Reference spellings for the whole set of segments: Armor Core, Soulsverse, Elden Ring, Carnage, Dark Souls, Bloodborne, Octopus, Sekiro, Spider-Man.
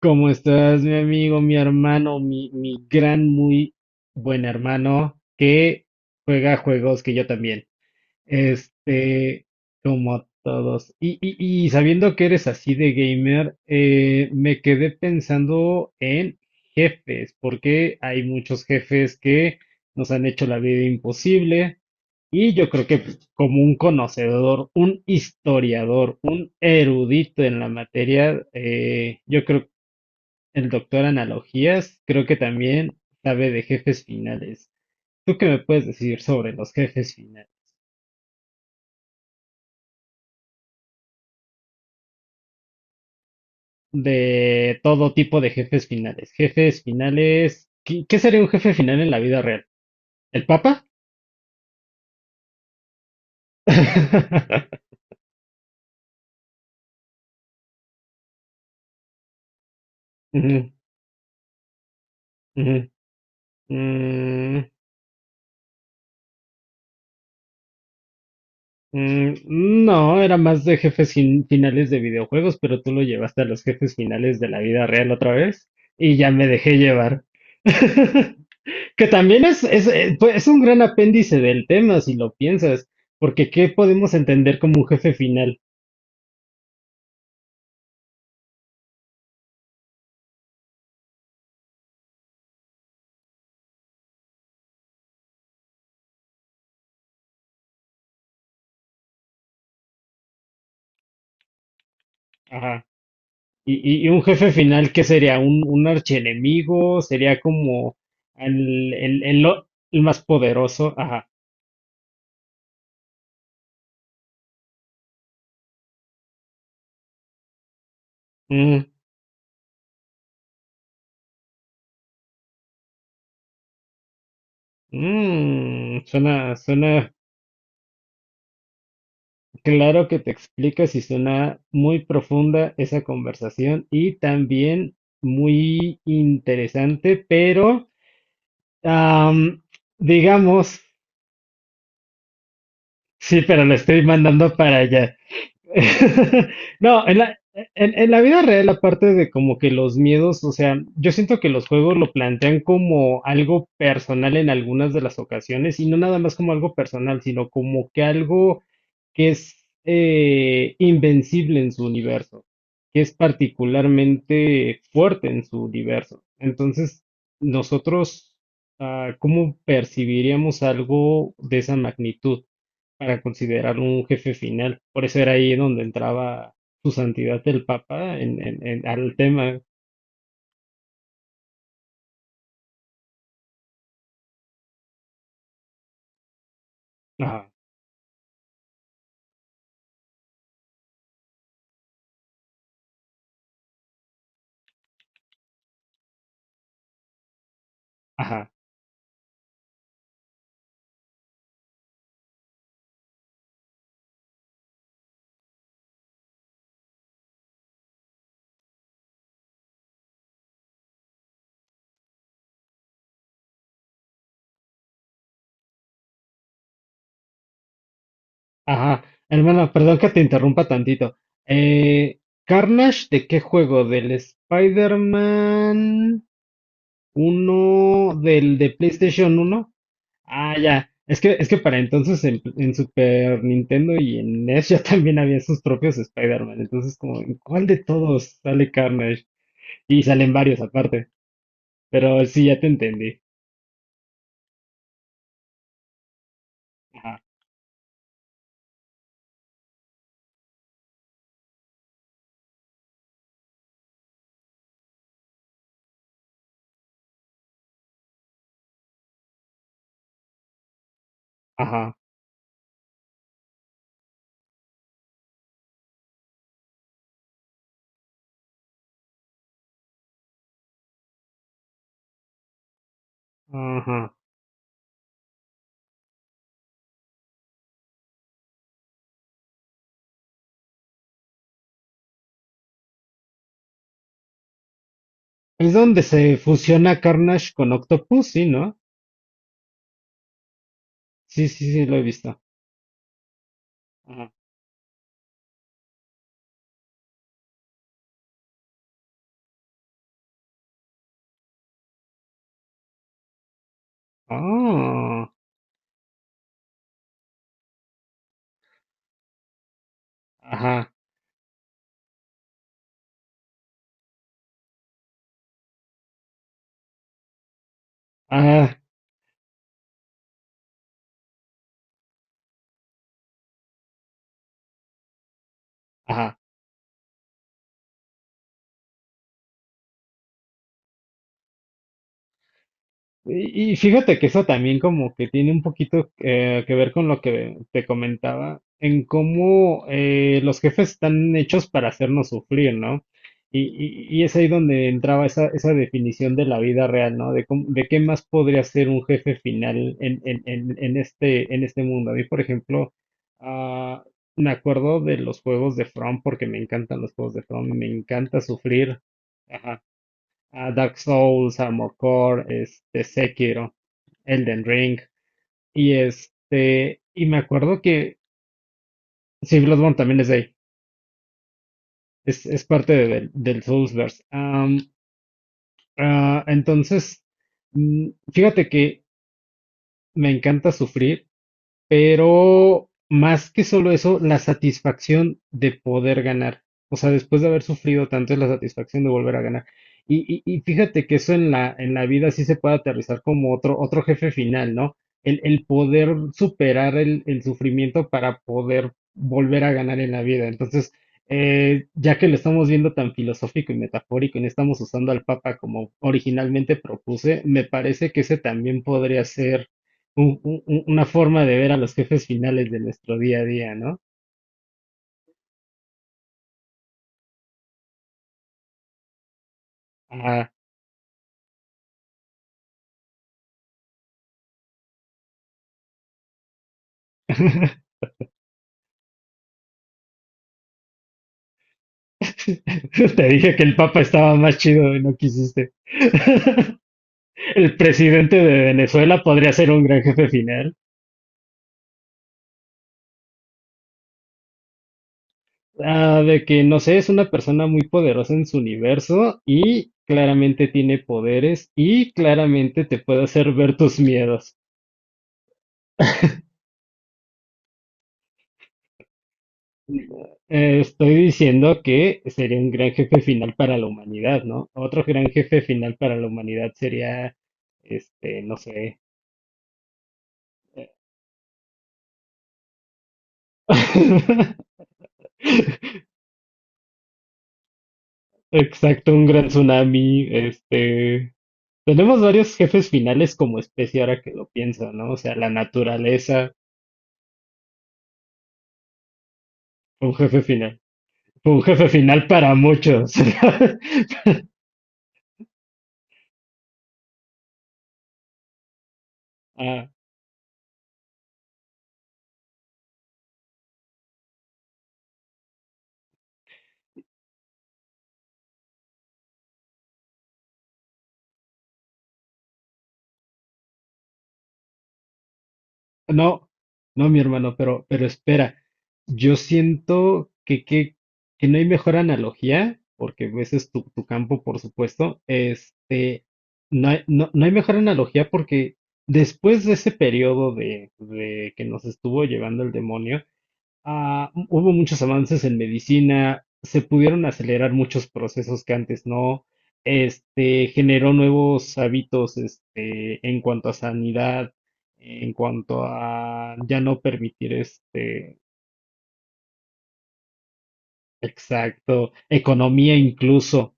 ¿Cómo estás, mi amigo, mi hermano, mi gran, muy buen hermano que juega juegos que yo también? Este, Como todos. Y sabiendo que eres así de gamer, me quedé pensando en jefes, porque hay muchos jefes que nos han hecho la vida imposible. Y yo creo que pues, como un conocedor, un historiador, un erudito en la materia, yo creo el doctor Analogías creo que también sabe de jefes finales. ¿Tú qué me puedes decir sobre los jefes finales? De todo tipo de jefes finales. Jefes finales. ¿Qué sería un jefe final en la vida real? ¿El Papa? Ujú, ujú. Mm, mm, no, era más de jefes finales de videojuegos, pero tú lo llevaste a los jefes finales de la vida real otra vez y ya me dejé llevar. Que también es, pues, es un gran apéndice del tema, si lo piensas, porque ¿qué podemos entender como un jefe final? Ajá. Y, y un jefe final, ¿qué sería? ¿Un archienemigo? ¿Sería como el, el, el lo- el más poderoso? Ajá. Mm, suena claro que te explicas y suena muy profunda esa conversación y también muy interesante, pero am, digamos. Sí, pero lo estoy mandando para allá. No, en la vida real, aparte de como que los miedos, o sea, yo siento que los juegos lo plantean como algo personal en algunas de las ocasiones, y no nada más como algo personal, sino como que algo que es invencible en su universo, que es particularmente fuerte en su universo. Entonces, nosotros, ¿cómo percibiríamos algo de esa magnitud para considerarlo un jefe final? Por eso era ahí donde entraba su santidad el Papa al tema. Ajá, ajá, ajá. Hermano, perdón que te interrumpa tantito. Eh, ¿Carnage de qué juego? ¿Del Spider-Man 1? ¿Del de PlayStation uno? Ah, ya. Es que para entonces en Super Nintendo y en NES ya también había sus propios Spider-Man. Entonces, como, ¿en cuál de todos sale Carnage? Y salen varios aparte. Pero sí, ya te entendí. Ajá, ajá, ajá. Es donde se fusiona Carnage con Octopus, sí, ¿no? Sí, sí, sí, lo he visto. Ajá. Ah, ajá, ah, ajá. y- y fíjate que eso también como que tiene un poquito que ver con lo que te comentaba, en cómo los jefes están hechos para hacernos sufrir, ¿no? Y, y es ahí donde entraba esa definición de la vida real, ¿no? De qué más podría ser un jefe final en este mundo. A mí, por ejemplo, ah, me acuerdo de los juegos de From porque me encantan los juegos de From, me encanta sufrir a Dark Souls, Armor Core, Sekiro, Elden Ring. Y me acuerdo que, sí, Bloodborne también es de ahí, es parte del Soulsverse. Entonces, fíjate que me encanta sufrir. Pero más que solo eso, la satisfacción de poder ganar. O sea, después de haber sufrido tanto, es la satisfacción de volver a ganar. Y fíjate que eso en la vida sí se puede aterrizar como otro jefe final, ¿no? El poder superar el sufrimiento para poder volver a ganar en la vida. Entonces, ya que lo estamos viendo tan filosófico y metafórico y no estamos usando al Papa como originalmente propuse, me parece que ese también podría ser una forma de ver a los jefes finales de nuestro día a día, ¿no? Ah, te dije que el Papa estaba más chido y no quisiste. El presidente de Venezuela podría ser un gran jefe final. Ah, de que, no sé, es una persona muy poderosa en su universo y claramente tiene poderes y claramente te puede hacer ver tus miedos. Estoy diciendo que sería un gran jefe final para la humanidad, ¿no? Otro gran jefe final para la humanidad sería, no sé. Exacto, un gran tsunami. Tenemos varios jefes finales como especie ahora que lo pienso, ¿no? O sea, la naturaleza fue un jefe final. Fue un jefe final para muchos. Ah, no, no, mi hermano, pero espera. Yo siento que no hay mejor analogía, porque pues, ese es tu campo, por supuesto. No hay mejor analogía porque después de ese periodo de que nos estuvo llevando el demonio, hubo muchos avances en medicina, se pudieron acelerar muchos procesos que antes no, generó nuevos hábitos, en cuanto a sanidad, en cuanto a ya no permitir, exacto, economía incluso.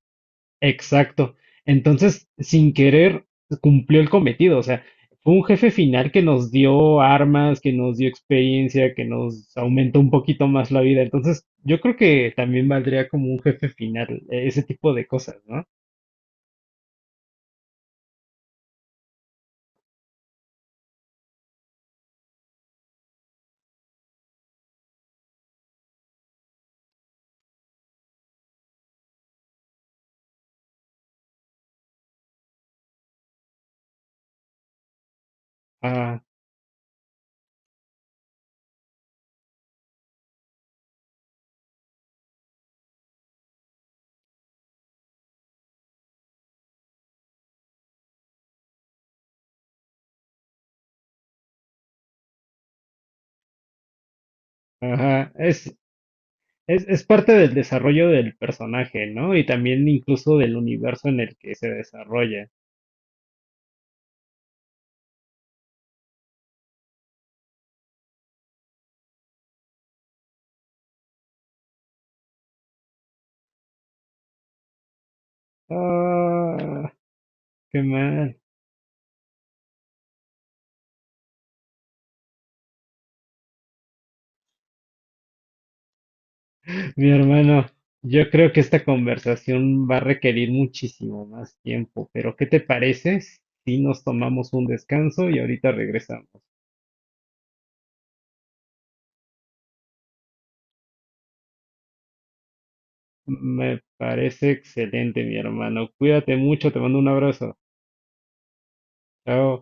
Exacto. Entonces, sin querer, cumplió el cometido. O sea, fue un jefe final que nos dio armas, que nos dio experiencia, que nos aumentó un poquito más la vida. Entonces, yo creo que también valdría como un jefe final, ese tipo de cosas, ¿no? Ah, ajá. Es parte del desarrollo del personaje, ¿no? Y también incluso del universo en el que se desarrolla. Ah, qué mal. Mi hermano, yo creo que esta conversación va a requerir muchísimo más tiempo, pero ¿qué te parece si nos tomamos un descanso y ahorita regresamos? Me parece excelente, mi hermano. Cuídate mucho, te mando un abrazo. Chao.